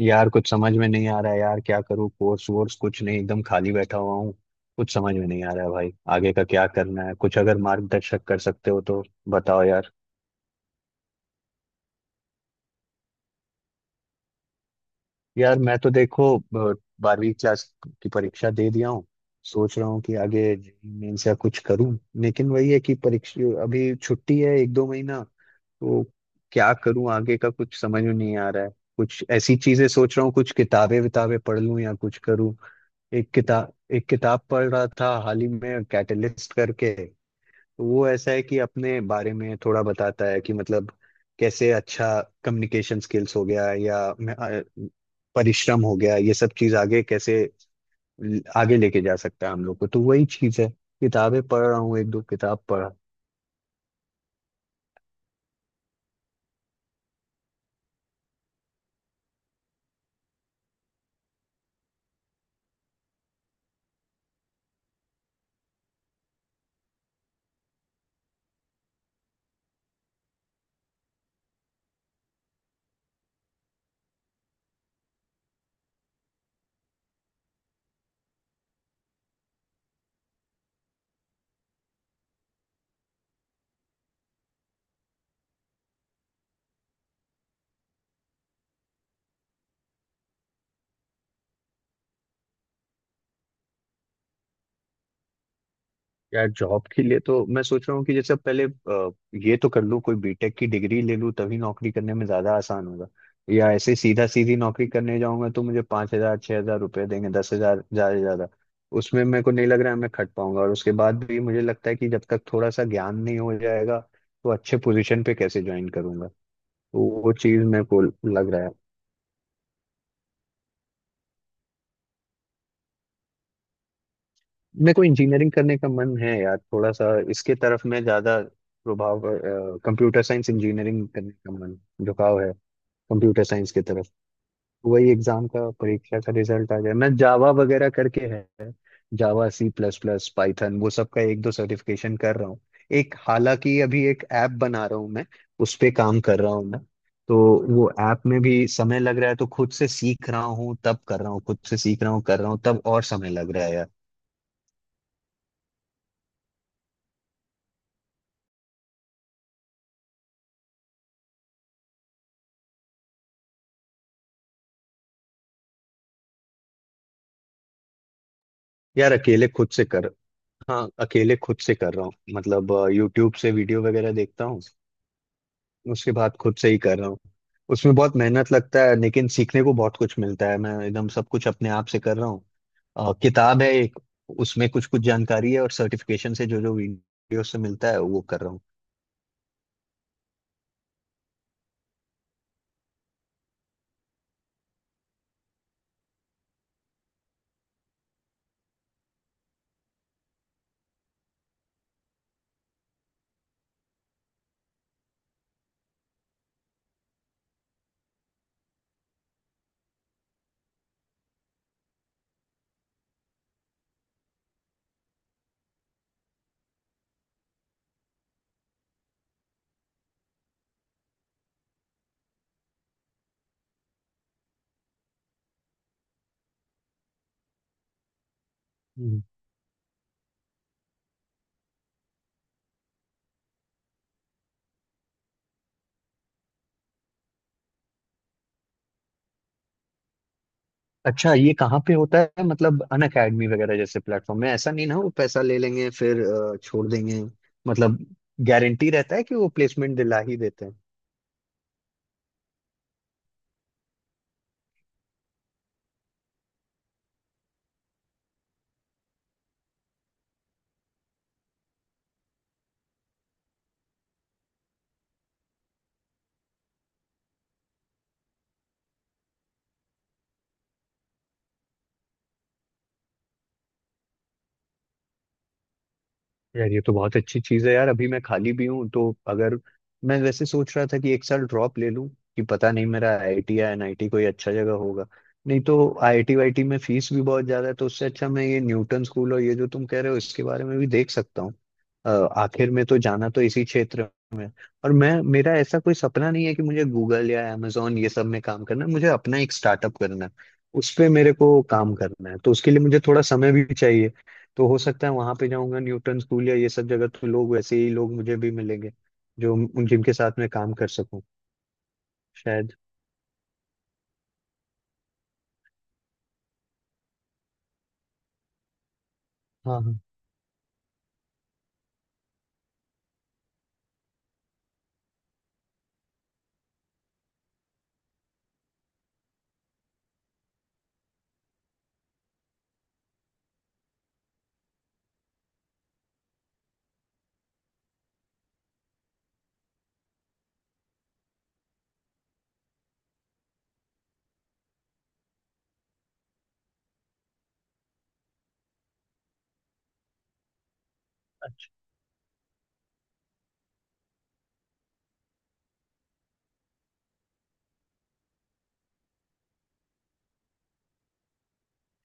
यार कुछ समझ में नहीं आ रहा है यार, क्या करूँ? कोर्स वोर्स कुछ नहीं, एकदम खाली बैठा हुआ हूँ। कुछ समझ में नहीं आ रहा है भाई, आगे का क्या करना है कुछ अगर मार्गदर्शक कर सकते हो तो बताओ यार। यार मैं तो देखो 12वीं क्लास की परीक्षा दे दिया हूँ। सोच रहा हूँ कि आगे मेंस या कुछ करूँ, लेकिन वही है कि परीक्षा अभी छुट्टी है एक दो महीना, तो क्या करूँ आगे का, कुछ समझ में नहीं आ रहा है। कुछ ऐसी चीजें सोच रहा हूँ, कुछ किताबें विताबें पढ़ लूँ या कुछ करूँ। एक किताब पढ़ रहा था हाल ही में, कैटलिस्ट करके। तो वो ऐसा है कि अपने बारे में थोड़ा बताता है कि मतलब कैसे अच्छा कम्युनिकेशन स्किल्स हो गया या परिश्रम हो गया, ये सब चीज आगे कैसे आगे लेके जा सकता है हम लोग को, तो वही चीज है। किताबें पढ़ रहा हूँ, एक दो किताब पढ़ा। यार जॉब के लिए तो मैं सोच रहा हूँ कि जैसे अब पहले ये तो कर लूँ, कोई बीटेक की डिग्री ले लूँ तभी नौकरी करने में ज्यादा आसान होगा। या ऐसे सीधा सीधी नौकरी करने जाऊंगा तो मुझे 5,000 6,000 रुपये देंगे, 10,000 ज्यादा से ज्यादा। उसमें मेरे को नहीं लग रहा है मैं खट पाऊंगा, और उसके बाद भी मुझे लगता है कि जब तक थोड़ा सा ज्ञान नहीं हो जाएगा तो अच्छे पोजीशन पे कैसे ज्वाइन करूंगा। तो वो चीज मेरे को लग रहा है। मेरे को इंजीनियरिंग करने का मन है यार, थोड़ा सा इसके तरफ मैं ज्यादा प्रभाव, कंप्यूटर साइंस इंजीनियरिंग करने का मन, झुकाव है कंप्यूटर साइंस की तरफ। वही एग्जाम का, परीक्षा का रिजल्ट आ गया, मैं जावा वगैरह करके है। Java, C plus plus, Python वो सब का एक दो सर्टिफिकेशन कर रहा हूँ। एक, हालांकि अभी एक ऐप बना रहा हूँ मैं, उस पे काम कर रहा हूँ मैं। तो वो ऐप में भी समय लग रहा है, तो खुद से सीख रहा हूँ तब कर रहा हूँ, खुद से सीख रहा हूँ कर रहा हूँ, तब और समय लग रहा है यार। यार अकेले खुद से कर हाँ, अकेले खुद से कर रहा हूँ मतलब। यूट्यूब से वीडियो वगैरह देखता हूँ। उसके बाद खुद से ही कर रहा हूँ। उसमें बहुत मेहनत लगता है, लेकिन सीखने को बहुत कुछ मिलता है, मैं एकदम सब कुछ अपने आप से कर रहा हूँ। किताब है एक, उसमें कुछ कुछ जानकारी है, और सर्टिफिकेशन से जो जो वीडियो से मिलता है वो कर रहा हूँ। हम्म। अच्छा, ये कहाँ पे होता है? मतलब अन अकेडमी वगैरह जैसे प्लेटफॉर्म में ऐसा नहीं ना वो पैसा ले लेंगे फिर छोड़ देंगे मतलब। गारंटी रहता है कि वो प्लेसमेंट दिला ही देते हैं? यार ये तो बहुत अच्छी चीज है यार, अभी मैं खाली भी हूँ, तो अगर, मैं वैसे सोच रहा था कि एक साल ड्रॉप ले लूँ, कि पता नहीं मेरा आईआईटी या एनआईटी कोई अच्छा जगह होगा, नहीं तो आईआईटी वाईटी में फीस भी बहुत ज्यादा है, तो उससे अच्छा मैं ये न्यूटन स्कूल और ये जो तुम कह रहे हो इसके बारे में भी देख सकता हूँ। आखिर में तो जाना तो इसी क्षेत्र। और मैं, मेरा ऐसा कोई सपना नहीं है कि मुझे गूगल या amazon ये सब में काम करना है, मुझे अपना एक स्टार्टअप करना है, उस पे मेरे को काम करना है, तो उसके लिए मुझे थोड़ा समय भी चाहिए। तो हो सकता है वहां पे जाऊंगा न्यूटन स्कूल या ये सब जगह, तो लोग वैसे ही लोग मुझे भी मिलेंगे जो, उन, जिनके साथ मैं काम कर सकूं, शायद। हाँ, हाँ।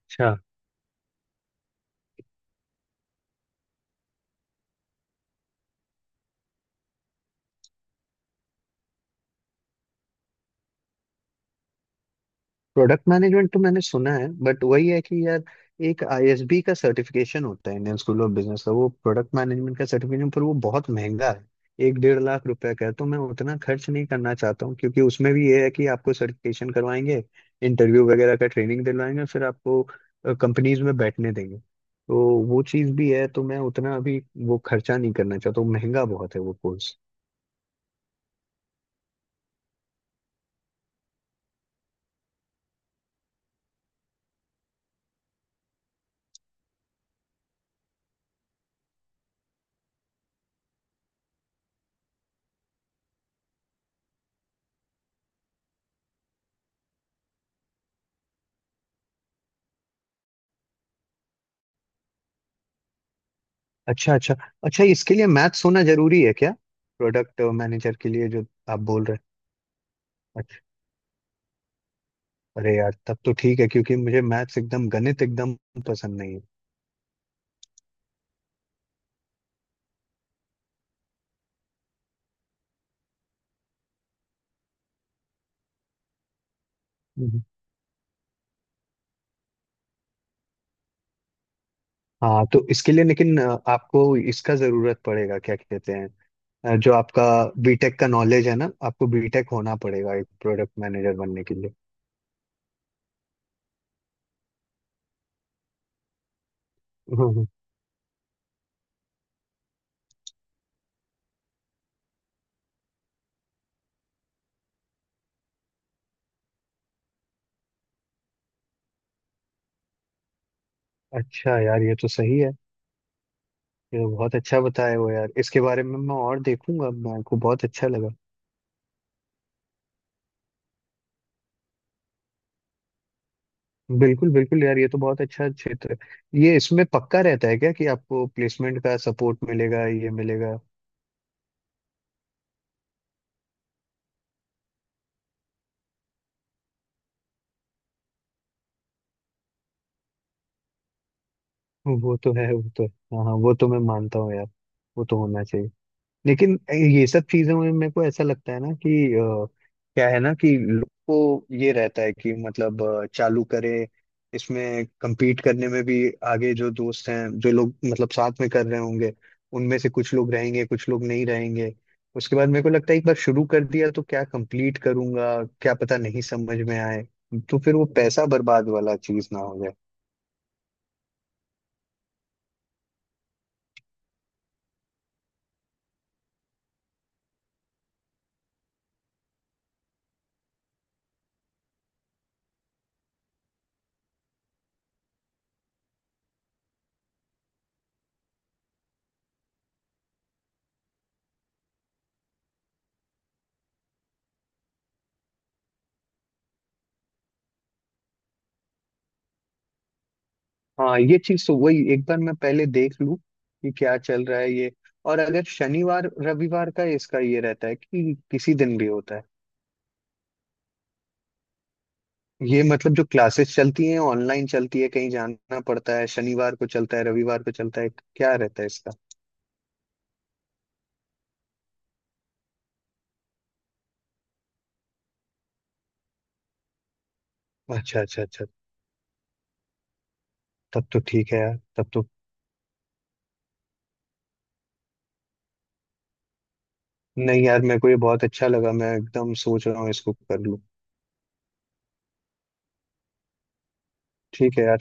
अच्छा। प्रोडक्ट मैनेजमेंट तो मैंने सुना है, बट वही है कि यार, एक आईएसबी का सर्टिफिकेशन होता है, इंडियन स्कूल ऑफ बिजनेस का, वो प्रोडक्ट मैनेजमेंट का सर्टिफिकेशन, पर वो बहुत महंगा है। एक डेढ़ लाख रुपए का है, तो मैं उतना खर्च नहीं करना चाहता हूँ, क्योंकि उसमें भी ये है कि आपको सर्टिफिकेशन करवाएंगे, इंटरव्यू वगैरह का ट्रेनिंग दिलवाएंगे, फिर आपको कंपनीज में बैठने देंगे, तो वो चीज़ भी है, तो मैं उतना अभी वो खर्चा नहीं करना चाहता हूँ, महंगा बहुत है वो कोर्स। अच्छा, अच्छा, अच्छा। इसके लिए मैथ्स होना जरूरी है क्या? प्रोडक्ट मैनेजर के लिए जो आप बोल रहे हैं? अच्छा, अरे यार तब तो ठीक है, क्योंकि मुझे मैथ्स एकदम, गणित एकदम पसंद नहीं है। हम्म। हाँ, तो इसके लिए लेकिन आपको इसका जरूरत पड़ेगा क्या, कहते हैं जो आपका बीटेक का नॉलेज है ना, आपको बीटेक होना पड़ेगा एक प्रोडक्ट मैनेजर बनने के लिए? हम्म, अच्छा यार, ये तो सही है। ये तो बहुत अच्छा बताए हो यार, इसके बारे में मैं और देखूंगा, मेरे को बहुत अच्छा लगा। बिल्कुल बिल्कुल यार, ये तो बहुत अच्छा क्षेत्र है ये। इसमें पक्का रहता है क्या कि आपको प्लेसमेंट का सपोर्ट मिलेगा, ये मिलेगा? वो तो है, वो तो है। हाँ, हाँ, वो तो मैं मानता हूँ यार, वो तो होना चाहिए। लेकिन ये सब चीजों में मेरे को ऐसा लगता है ना कि क्या है ना कि लोग को ये रहता है कि मतलब चालू करे, इसमें compete करने में भी, आगे जो दोस्त हैं जो लोग मतलब साथ में कर रहे होंगे, उनमें से कुछ लोग रहेंगे कुछ लोग नहीं रहेंगे। उसके बाद मेरे को लगता है एक बार शुरू कर दिया तो क्या कंप्लीट करूंगा, क्या पता नहीं समझ में आए, तो फिर वो पैसा बर्बाद वाला चीज ना हो। हाँ, ये चीज तो वही एक बार मैं पहले देख लूँ कि क्या चल रहा है ये। और अगर शनिवार रविवार का इसका ये रहता है कि किसी दिन भी होता है, ये मतलब जो क्लासेस चलती हैं, ऑनलाइन चलती है, कहीं जाना पड़ता है, शनिवार को चलता है, रविवार को चलता है, क्या रहता है इसका? अच्छा, अच्छा, अच्छा। तब तो ठीक है यार, तब तो। नहीं यार, मेरे को ये बहुत अच्छा लगा, मैं एकदम सोच रहा हूँ इसको कर लूँ। ठीक है यार।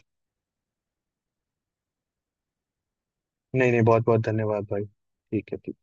नहीं नहीं, बहुत बहुत धन्यवाद भाई, ठीक है।